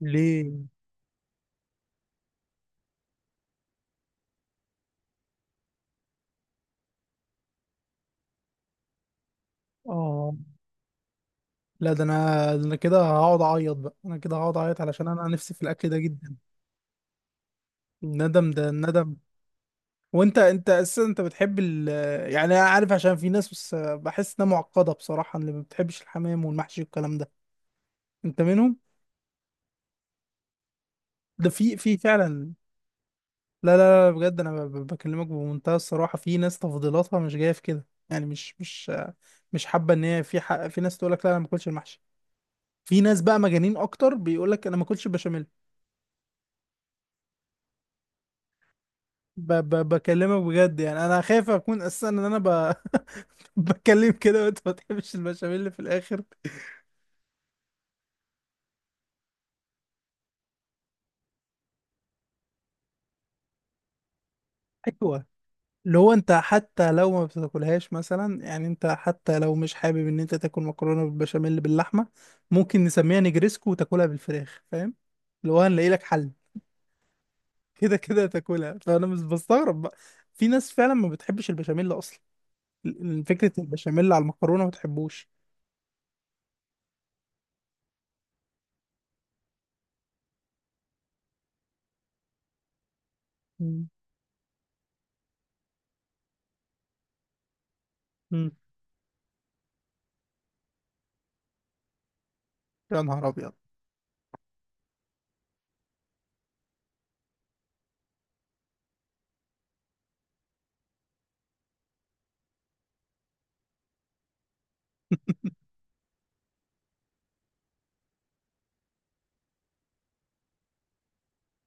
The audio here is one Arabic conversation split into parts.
ليه؟ اه. لا، ده انا كده هقعد اعيط بقى انا كده هقعد اعيط علشان انا نفسي في الاكل ده جدا. الندم ده الندم. وانت اساسا انت بتحب يعني انا عارف، عشان في ناس، بس بحس انها معقده بصراحه، اللي ما بتحبش الحمام والمحشي والكلام ده. انت منهم؟ ده في فعلا. لا، لا، لا، بجد انا بكلمك بمنتهى الصراحه، في ناس تفضيلاتها مش جايه في كده، يعني مش حابه ان هي. في حق، في ناس تقول لك: لا انا ما باكلش المحشي. في ناس بقى مجانين اكتر، بيقول لك: انا ما باكلش البشاميل. ب ب بكلمك بجد، يعني انا خايف اكون اساسا ان انا. بتكلم كده وانت ما تحبش البشاميل اللي في الاخر. ايوه. اللي هو انت حتى لو ما بتاكلهاش مثلا، يعني انت حتى لو مش حابب ان انت تاكل مكرونه بالبشاميل باللحمه، ممكن نسميها نجريسكو وتاكلها بالفراخ، فاهم؟ اللي هو هنلاقي لك حل. كده كده تاكلها، فانا مش بستغرب بقى. في ناس فعلا ما بتحبش البشاميل اصلا. فكره البشاميل على المكرونه ما بتحبوش. مم. مم. يا نهار ابيض.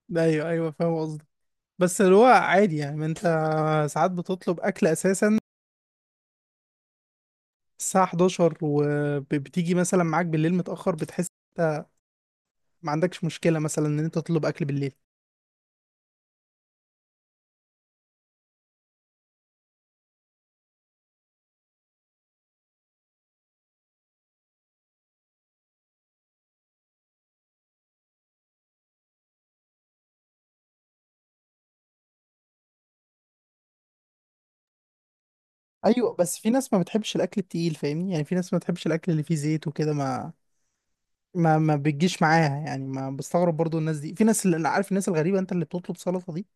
ايوه، ايوه، فاهم قصدك. بس اللي هو عادي، يعني ما انت ساعات بتطلب اكل اساسا الساعة 11، وبتيجي مثلا معاك بالليل متأخر، بتحس انت ما عندكش مشكلة مثلا ان انت تطلب اكل بالليل. ايوه، بس في ناس ما بتحبش الاكل التقيل، فاهمني؟ يعني في ناس ما بتحبش الاكل اللي فيه زيت وكده، ما بتجيش معاها، يعني ما بستغرب برضو الناس دي، في ناس، اللي عارف، الناس الغريبة، انت اللي بتطلب سلطة دي.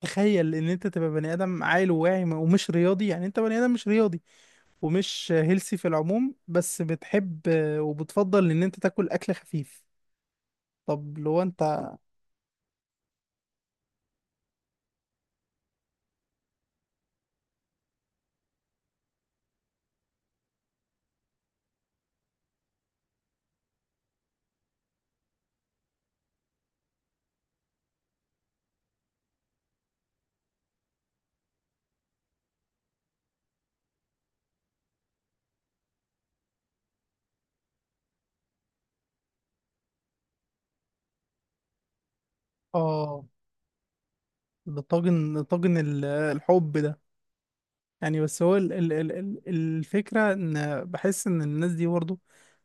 تخيل ان انت تبقى بني ادم عاقل وواعي ومش رياضي، يعني انت بني ادم مش رياضي ومش هيلسي في العموم، بس بتحب وبتفضل ان انت تاكل اكل خفيف. طب لو انت. اه. ده طاجن، طاجن الحب ده، يعني. بس هو الفكرة ان بحس ان الناس دي برضه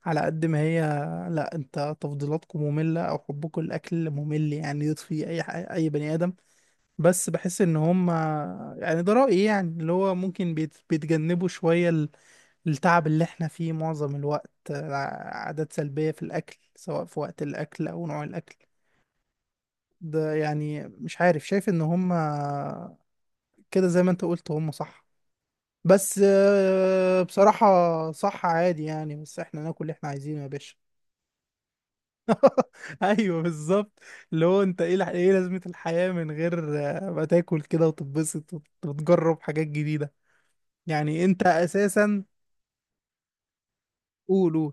على قد ما هي، لا انت تفضيلاتكم مملة او حبكم الاكل ممل، يعني يطفي اي اي بني ادم. بس بحس ان هم، يعني ده رأيي، يعني اللي هو ممكن بيتجنبوا شوية التعب اللي احنا فيه معظم الوقت، عادات سلبية في الأكل، سواء في وقت الأكل أو نوع الأكل. ده يعني، مش عارف، شايف ان هم كده زي ما انت قلت، هم صح. بس بصراحة صح، عادي يعني، بس احنا ناكل اللي احنا عايزينه يا باشا. ايوه، بالظبط. اللي هو انت ايه ايه لازمة الحياة من غير ما تاكل كده وتتبسط وتجرب حاجات جديدة؟ يعني انت اساسا. قولوا.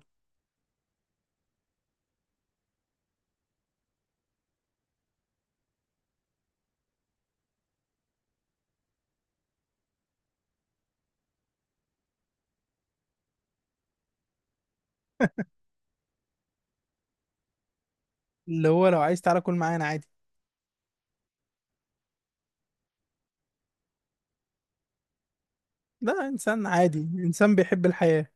اللي هو لو عايز تعالى كل معانا عادي. ده انسان عادي، انسان بيحب الحياة.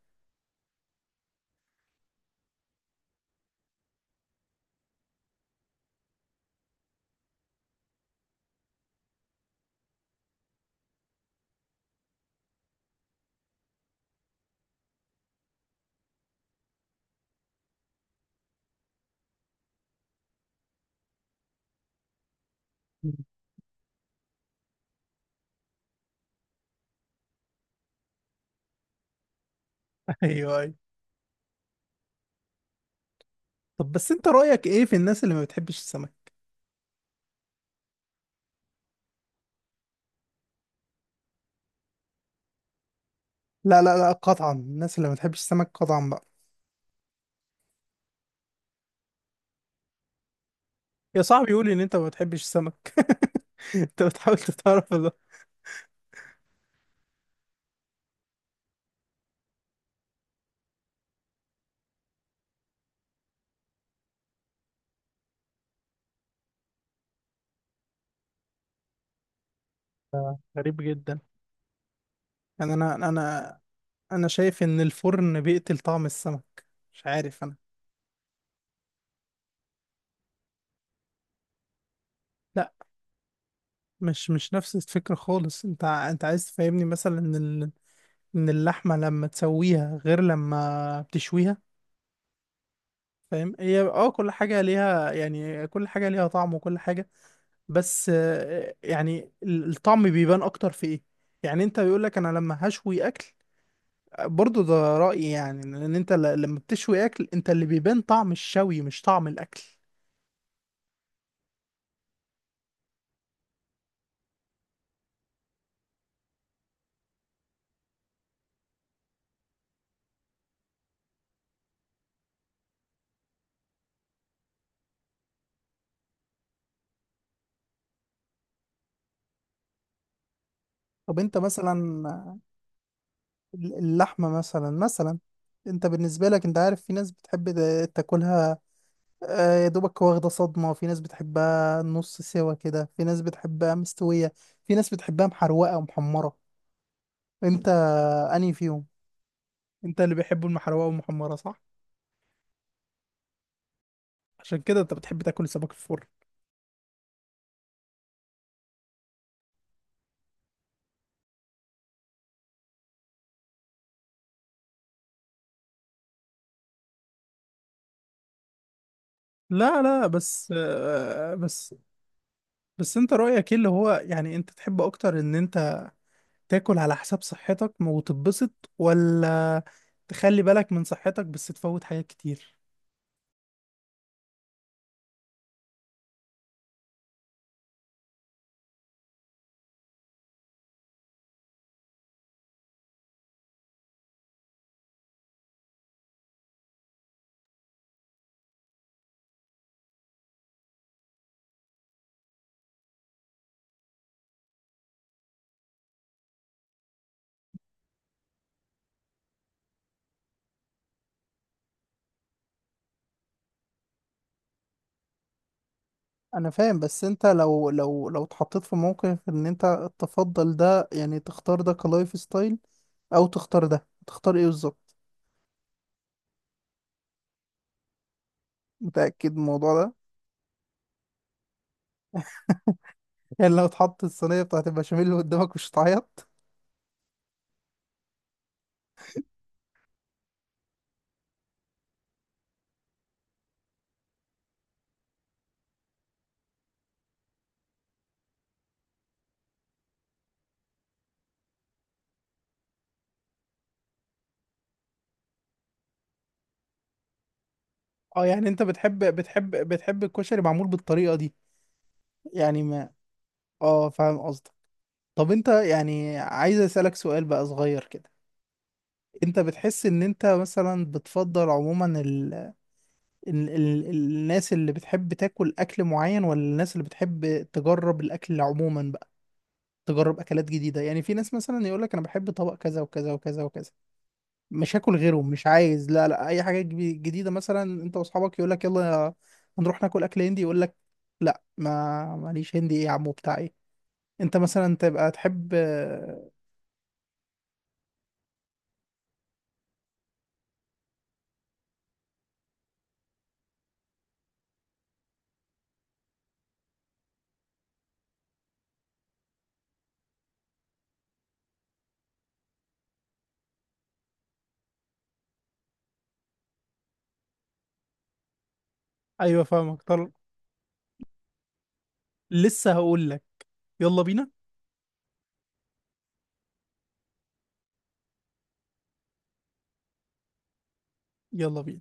ايوه، ايوه. طب بس انت رأيك ايه في الناس اللي ما بتحبش السمك؟ لا، لا، لا، قطعا الناس اللي ما بتحبش السمك، قطعا بقى. يا صاحبي يقول ان انت ما بتحبش السمك؟ انت بتحاول تتعرف ده؟ غريب جدا. يعني انا شايف ان الفرن بيقتل طعم السمك. مش عارف انا. لا، مش نفس الفكرة خالص. انت انت عايز تفهمني مثلا ان اللحمة لما تسويها غير لما بتشويها. فاهم، هي كل حاجة ليها، يعني كل حاجة ليها طعم وكل حاجة. بس يعني الطعم بيبان اكتر في ايه، يعني انت بيقولك انا لما هشوي اكل، برضو ده رأيي، يعني ان انت لما بتشوي اكل، انت اللي بيبان طعم الشوي مش طعم الاكل. طب انت مثلا، اللحمة مثلا، انت بالنسبة لك، انت عارف في ناس بتحب تاكلها يا دوبك واخدة صدمة، في ناس بتحبها نص سوا كده، في ناس بتحبها مستوية، في ناس بتحبها محروقة ومحمرة. انت انهي فيهم؟ انت اللي بيحبوا المحروقة والمحمرة، صح؟ عشان كده انت بتحب تاكل السمك في الفرن. لا، لا، بس بس انت رأيك ايه اللي هو، يعني انت تحب اكتر ان انت تاكل على حساب صحتك وتتبسط، ولا تخلي بالك من صحتك بس تفوت حاجات كتير؟ انا فاهم، بس انت لو اتحطيت في موقف ان انت تفضل ده، يعني تختار ده كلايف ستايل او تختار ده، تختار ايه بالظبط؟ متأكد من الموضوع ده؟ يعني لو اتحط الصينية بتاعت البشاميل اللي قدامك، مش هتعيط؟ اه، يعني انت بتحب الكشري معمول بالطريقة دي؟ يعني ما. اه، فاهم قصدك. طب انت، يعني عايز اسألك سؤال بقى صغير كده. انت بتحس ان انت مثلا بتفضل عموما الناس اللي بتحب تاكل اكل معين، ولا الناس اللي بتحب تجرب الاكل عموما بقى؟ تجرب اكلات جديده، يعني في ناس مثلا يقول لك: انا بحب طبق كذا وكذا وكذا وكذا، مش هاكل غيره، مش عايز لا لا اي حاجه جديده. مثلا انت واصحابك يقول لك: يلا هنروح ناكل اكل هندي، يقول لك: لا، ما ماليش هندي، ايه يا عمو بتاع ايه؟ انت مثلا تبقى تحب. ايوه، فاهمك طلع. لسه هقول لك. يلا بينا. يلا بينا.